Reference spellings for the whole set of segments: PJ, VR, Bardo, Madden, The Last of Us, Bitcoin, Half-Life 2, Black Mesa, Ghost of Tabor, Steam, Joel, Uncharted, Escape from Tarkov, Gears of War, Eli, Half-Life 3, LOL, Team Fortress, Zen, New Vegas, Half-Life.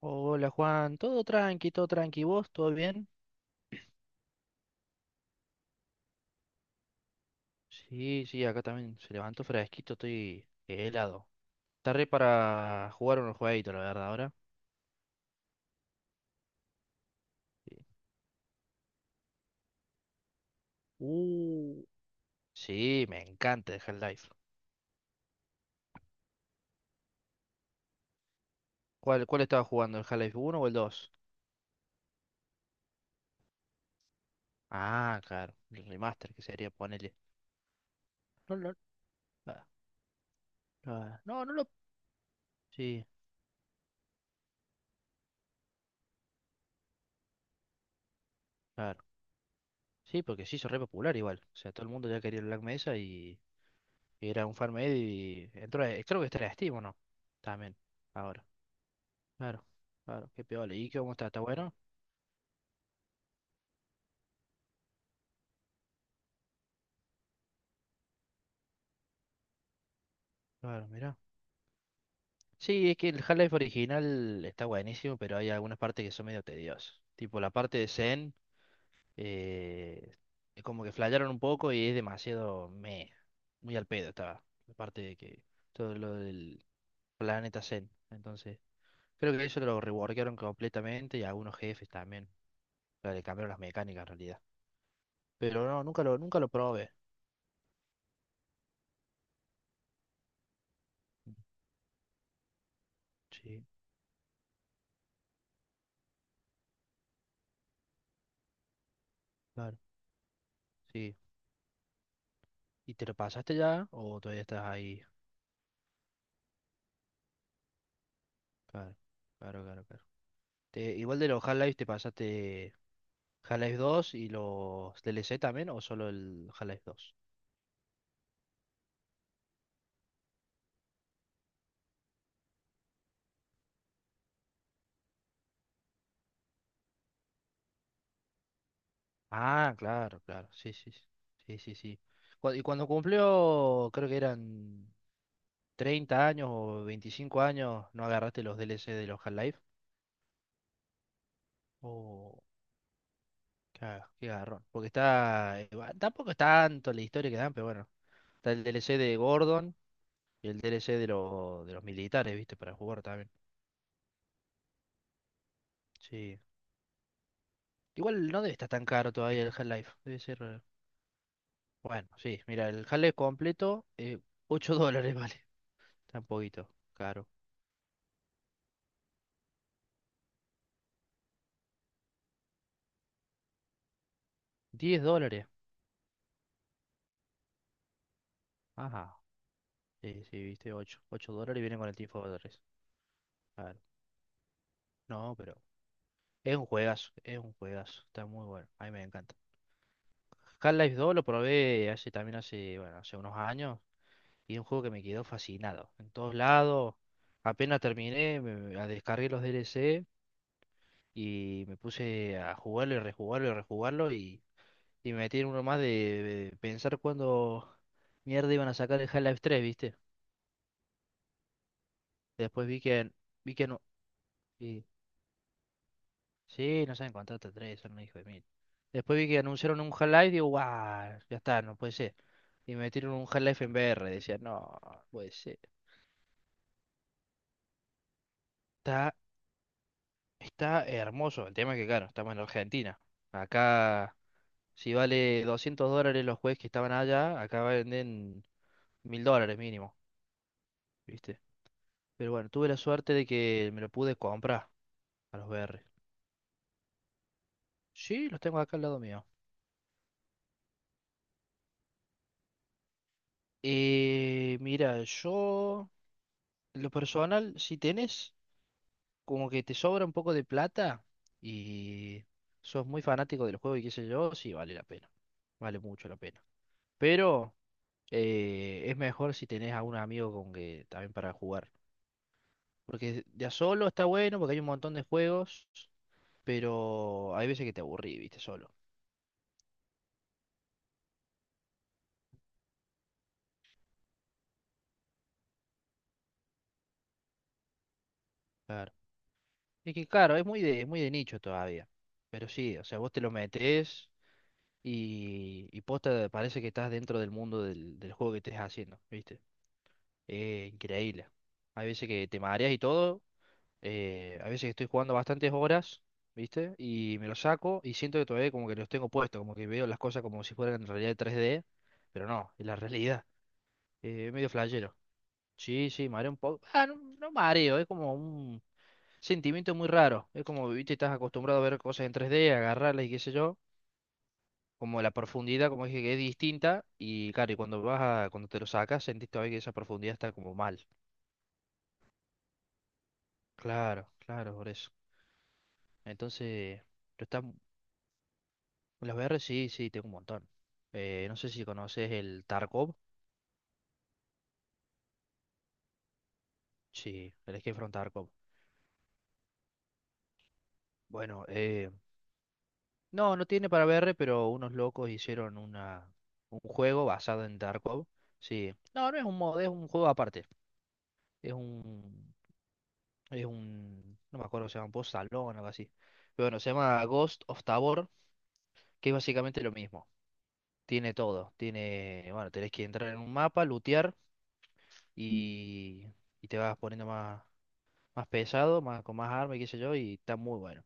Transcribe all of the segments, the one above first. Hola Juan, todo tranqui, ¿vos? ¿Todo bien? Sí, sí, acá también se levantó fresquito, estoy helado. Está re para jugar unos jueguitos, la verdad, ahora. Sí, Uh. Sí, me encanta el Half-Life. ¿Cuál estaba jugando, el Half-Life uno o el 2? Ah, claro, el remaster que sería ponerle. No, no, ah, ah, no, no lo. Sí, claro. Sí, porque se hizo re popular igual. O sea, todo el mundo ya quería el Black Mesa y era un fan made y entró, creo que está en Steam, ¿o no? También, ahora. Claro, claro, qué piola. ¿Y qué cómo está? ¿Está bueno? Claro, mira. Sí, es que el Half-Life original está buenísimo, pero hay algunas partes que son medio tediosas. Tipo la parte de Zen, eh, es como que flayaron un poco y es demasiado meh, muy al pedo estaba. La parte de que todo lo del planeta Zen. Entonces, creo que eso lo reworkaron completamente y algunos jefes también. O sea, le cambiaron las mecánicas en realidad. Pero no, nunca lo probé. Sí, claro. Sí. ¿Y te lo pasaste ya? ¿O todavía estás ahí? Claro, claro, claro, claro. Igual de los Half-Life te pasaste Half-Life dos y los DLC también, ¿o solo el Half-Life dos? Ah, claro, claro. Sí, sí, sí. Sí, sí, sí. Y cuando cumplió, creo que eran 30 años o 25 años, ¿no agarraste los DLC de los Half-Life? Oh, qué garrón. Porque está. Tampoco es tanto la historia que dan, pero bueno. Está el DLC de Gordon y el DLC de, de los militares, ¿viste? Para jugar también. Sí. Igual no debe estar tan caro todavía el Half-Life. Debe ser. Bueno, sí. Mira, el Half-Life completo, 8 dólares vale. Está un poquito caro. Diez dólares. Ajá. Sí, sí, viste, 8 8 dólares y viene con el Team Fortress. Claro. No, pero. Es un juegazo. Es un juegazo. Está muy bueno. A mí me encanta. Half-Life 2 lo probé hace también hace, bueno, hace unos años. Y es un juego que me quedó fascinado. En todos lados. Apenas terminé, me descargué los DLC. Y me puse a jugarlo y rejugarlo y rejugarlo y me metí en uno más de pensar cuándo mierda iban a sacar el Half-Life 3, ¿viste? Después vi que no, y- sí, no saben contar hasta 3, son un hijo de mil. Después vi que anunciaron un Half-Life y digo, guau, ya está, no puede ser. Y me metieron un Half-Life en VR, decía, no, no puede ser. Está, está hermoso, el tema es que claro, estamos en Argentina. Acá, si vale $200 los juegos que estaban allá, acá venden $1000 mínimo. ¿Viste? Pero bueno, tuve la suerte de que me lo pude comprar a los VR. Sí, los tengo acá al lado mío. Mira, yo, en lo personal, si tenés como que te sobra un poco de plata y sos muy fanático del juego y qué sé yo, sí, vale la pena. Vale mucho la pena. Pero es mejor si tenés a un amigo con que también para jugar. Porque ya solo está bueno, porque hay un montón de juegos, pero hay veces que te aburrís, viste, solo. Claro. Es que claro, es muy de nicho todavía. Pero sí, o sea, vos te lo metes y posta parece que estás dentro del mundo del juego que estés haciendo, ¿viste? Es increíble. Hay veces que te mareas y todo. Hay veces que estoy jugando bastantes horas, ¿viste? Y me lo saco y siento que todavía como que los tengo puestos, como que veo las cosas como si fueran en realidad 3D, pero no, es la realidad. Medio flashero. Sí, sí, mareo un poco. Ah, no, no mareo, es como un sentimiento muy raro. Es como, viste, estás acostumbrado a ver cosas en 3D, agarrarlas y qué sé yo. Como la profundidad, como dije, que es distinta. Y claro, y cuando cuando te lo sacas, sentís todavía que esa profundidad está como mal. Claro, claro, por eso. Entonces, pero está, las VR sí, sí, tengo un montón. No sé si conoces el Tarkov. Sí, el Escape from Tarkov. Bueno, no, no tiene para VR, pero unos locos hicieron un juego basado en Tarkov. Sí. No, no es un mod, es un juego aparte. Es un, Es un, no me acuerdo cómo se llama, un post salón o algo así. Pero bueno, se llama Ghost of Tabor, que es básicamente lo mismo. Tiene todo. Tiene, bueno, tenés que entrar en un mapa, lootear y, y te vas poniendo más, más pesado, más, con más armas y qué sé yo, y está muy bueno.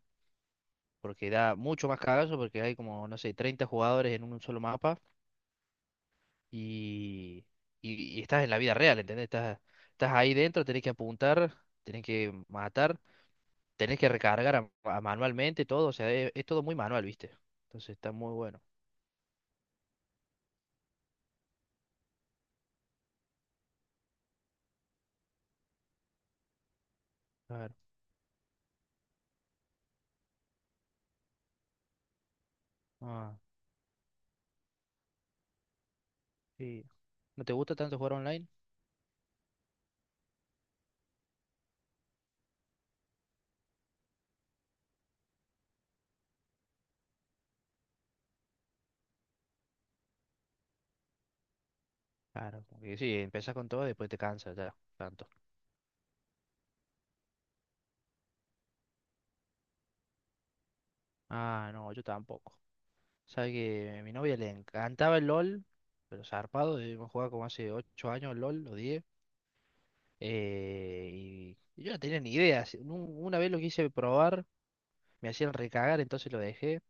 Porque da mucho más cagazo porque hay como, no sé, 30 jugadores en un solo mapa y, y estás en la vida real, ¿entendés? Estás ahí dentro, tenés que apuntar, tenés que matar, tienes que recargar a manualmente todo, o sea, es todo muy manual, ¿viste? Entonces está muy bueno. Claro. Ah, sí. ¿No te gusta tanto jugar online? Claro, como que sí, empezás con todo y después te cansas ya, tanto. Ah, no, yo tampoco. Sabes que a mi novia le encantaba el LOL, pero zarpado, hemos jugado como hace 8 años el LOL o diez. Y yo no tenía ni idea. Una vez lo quise probar, me hacían recagar, entonces lo dejé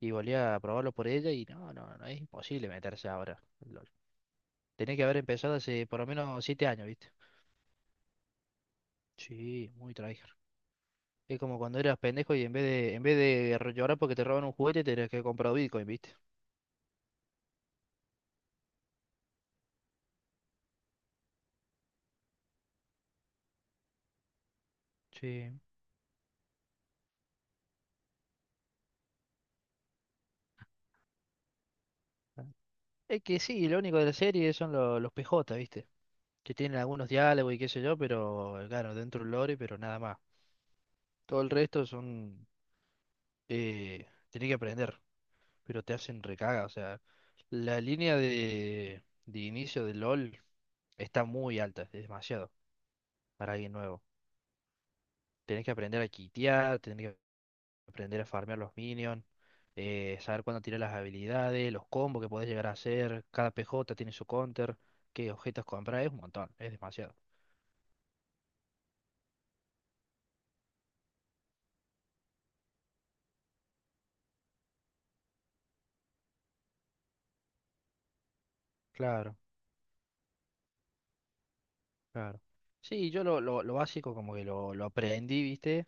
y volví a probarlo por ella y no, no, no, es imposible meterse ahora. Tenés que haber empezado hace por lo menos 7 años, ¿viste? Sí, muy tryhard. Es como cuando eras pendejo y en vez de llorar porque te roban un juguete, tenías que comprar Bitcoin, ¿viste? Sí. Es que sí, lo único de la serie son los PJ, ¿viste? Que tienen algunos diálogos y qué sé yo, pero claro, dentro del lore, pero nada más. Todo el resto son. Tenés que aprender, pero te hacen recaga. O sea, la línea de inicio de LOL está muy alta, es demasiado para alguien nuevo. Tenés que aprender a kitear, tenés que aprender a farmear los minions, saber cuándo tirar las habilidades, los combos que podés llegar a hacer, cada PJ tiene su counter, qué objetos comprar, es un montón, es demasiado. Claro, claro. Sí, yo lo básico como que lo aprendí, ¿viste?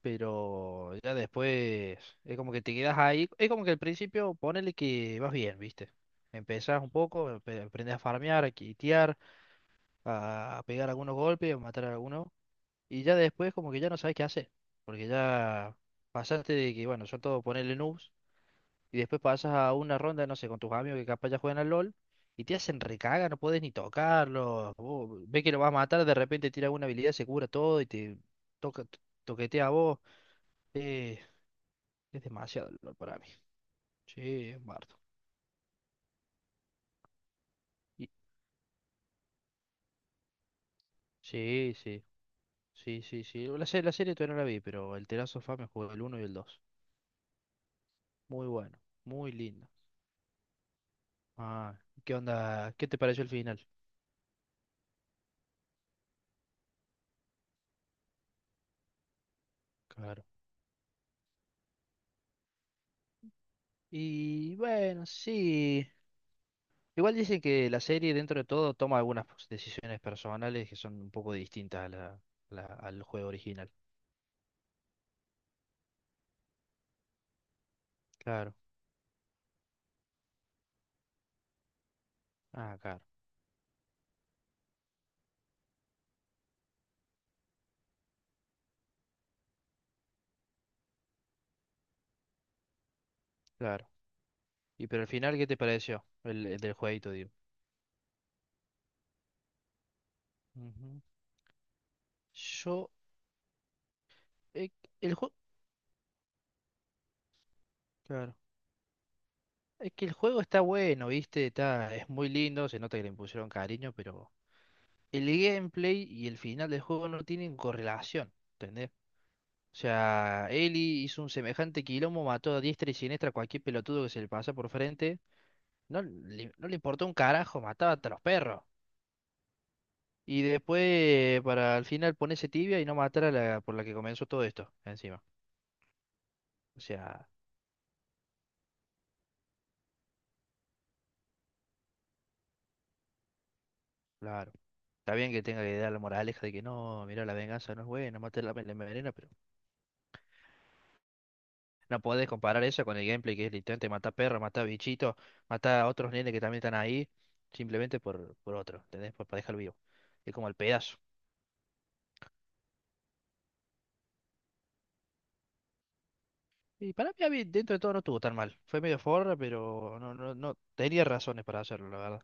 Pero ya después es como que te quedas ahí, es como que al principio ponele que vas bien, ¿viste? Empezás un poco, aprendés a farmear, a kitear, a pegar algunos golpes, a matar a algunos, y ya después como que ya no sabes qué hacer, porque ya pasaste de que, bueno, son todos ponerle noobs, y después pasas a una ronda, no sé, con tus amigos que capaz ya juegan al LOL, y te hacen recaga, no puedes ni tocarlo, vos ves que lo vas a matar, de repente tira una habilidad, se cura todo y te toca, toquetea a vos. Eh, es demasiado el LOL para mí. Sí, es Bardo. Y- sí, sí, sí, sí, sí. La serie todavía no la vi, pero el Terazo of Us me jugó el uno y el dos. Muy bueno, muy lindo. Ah, ¿qué onda? ¿Qué te pareció el final? Claro. Y bueno, sí. Igual dicen que la serie dentro de todo toma algunas pues, decisiones personales que son un poco distintas a al juego original. Claro. Ah, claro, claro. Y pero al final, ¿qué te pareció? El del jueguito, digo. Ujú. Yo, eh, el juego, claro. Es que el juego está bueno, ¿viste? Está, es muy lindo, se nota que le impusieron cariño, pero el gameplay y el final del juego no tienen correlación. ¿Entendés? O sea, Eli hizo un semejante quilombo, mató a diestra y siniestra a cualquier pelotudo que se le pasa por frente. No le importó un carajo, mataba hasta los perros. Y después, para al final ponerse tibia y no matar a la por la que comenzó todo esto, encima. O sea, claro. Está bien que tenga que dar la moraleja de que no, mira, la venganza no es buena, matar la envenena, pero no podés comparar eso con el gameplay que es literalmente matar perros, matar bichitos, matar a otros nenes que también están ahí, simplemente por otro, ¿entendés? Para dejarlo vivo. Es como el pedazo. Y para mí, a mí, dentro de todo no estuvo tan mal. Fue medio forra, pero no, no, no tenía razones para hacerlo, la verdad.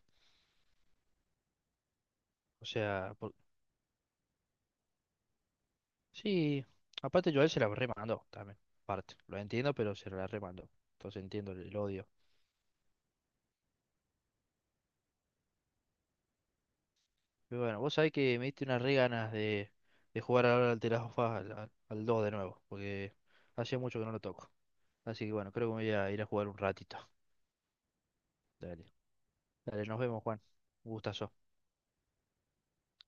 O sea, sí, aparte Joel se la remandó también. Parte, lo entiendo, pero se la remandó. Entonces entiendo el odio. Pero bueno, vos sabés que me diste unas re ganas de jugar ahora al The Last of Us al 2 de nuevo, porque hacía mucho que no lo toco. Así que bueno, creo que me voy a ir a jugar un ratito. Dale, dale, nos vemos, Juan. Un gustazo.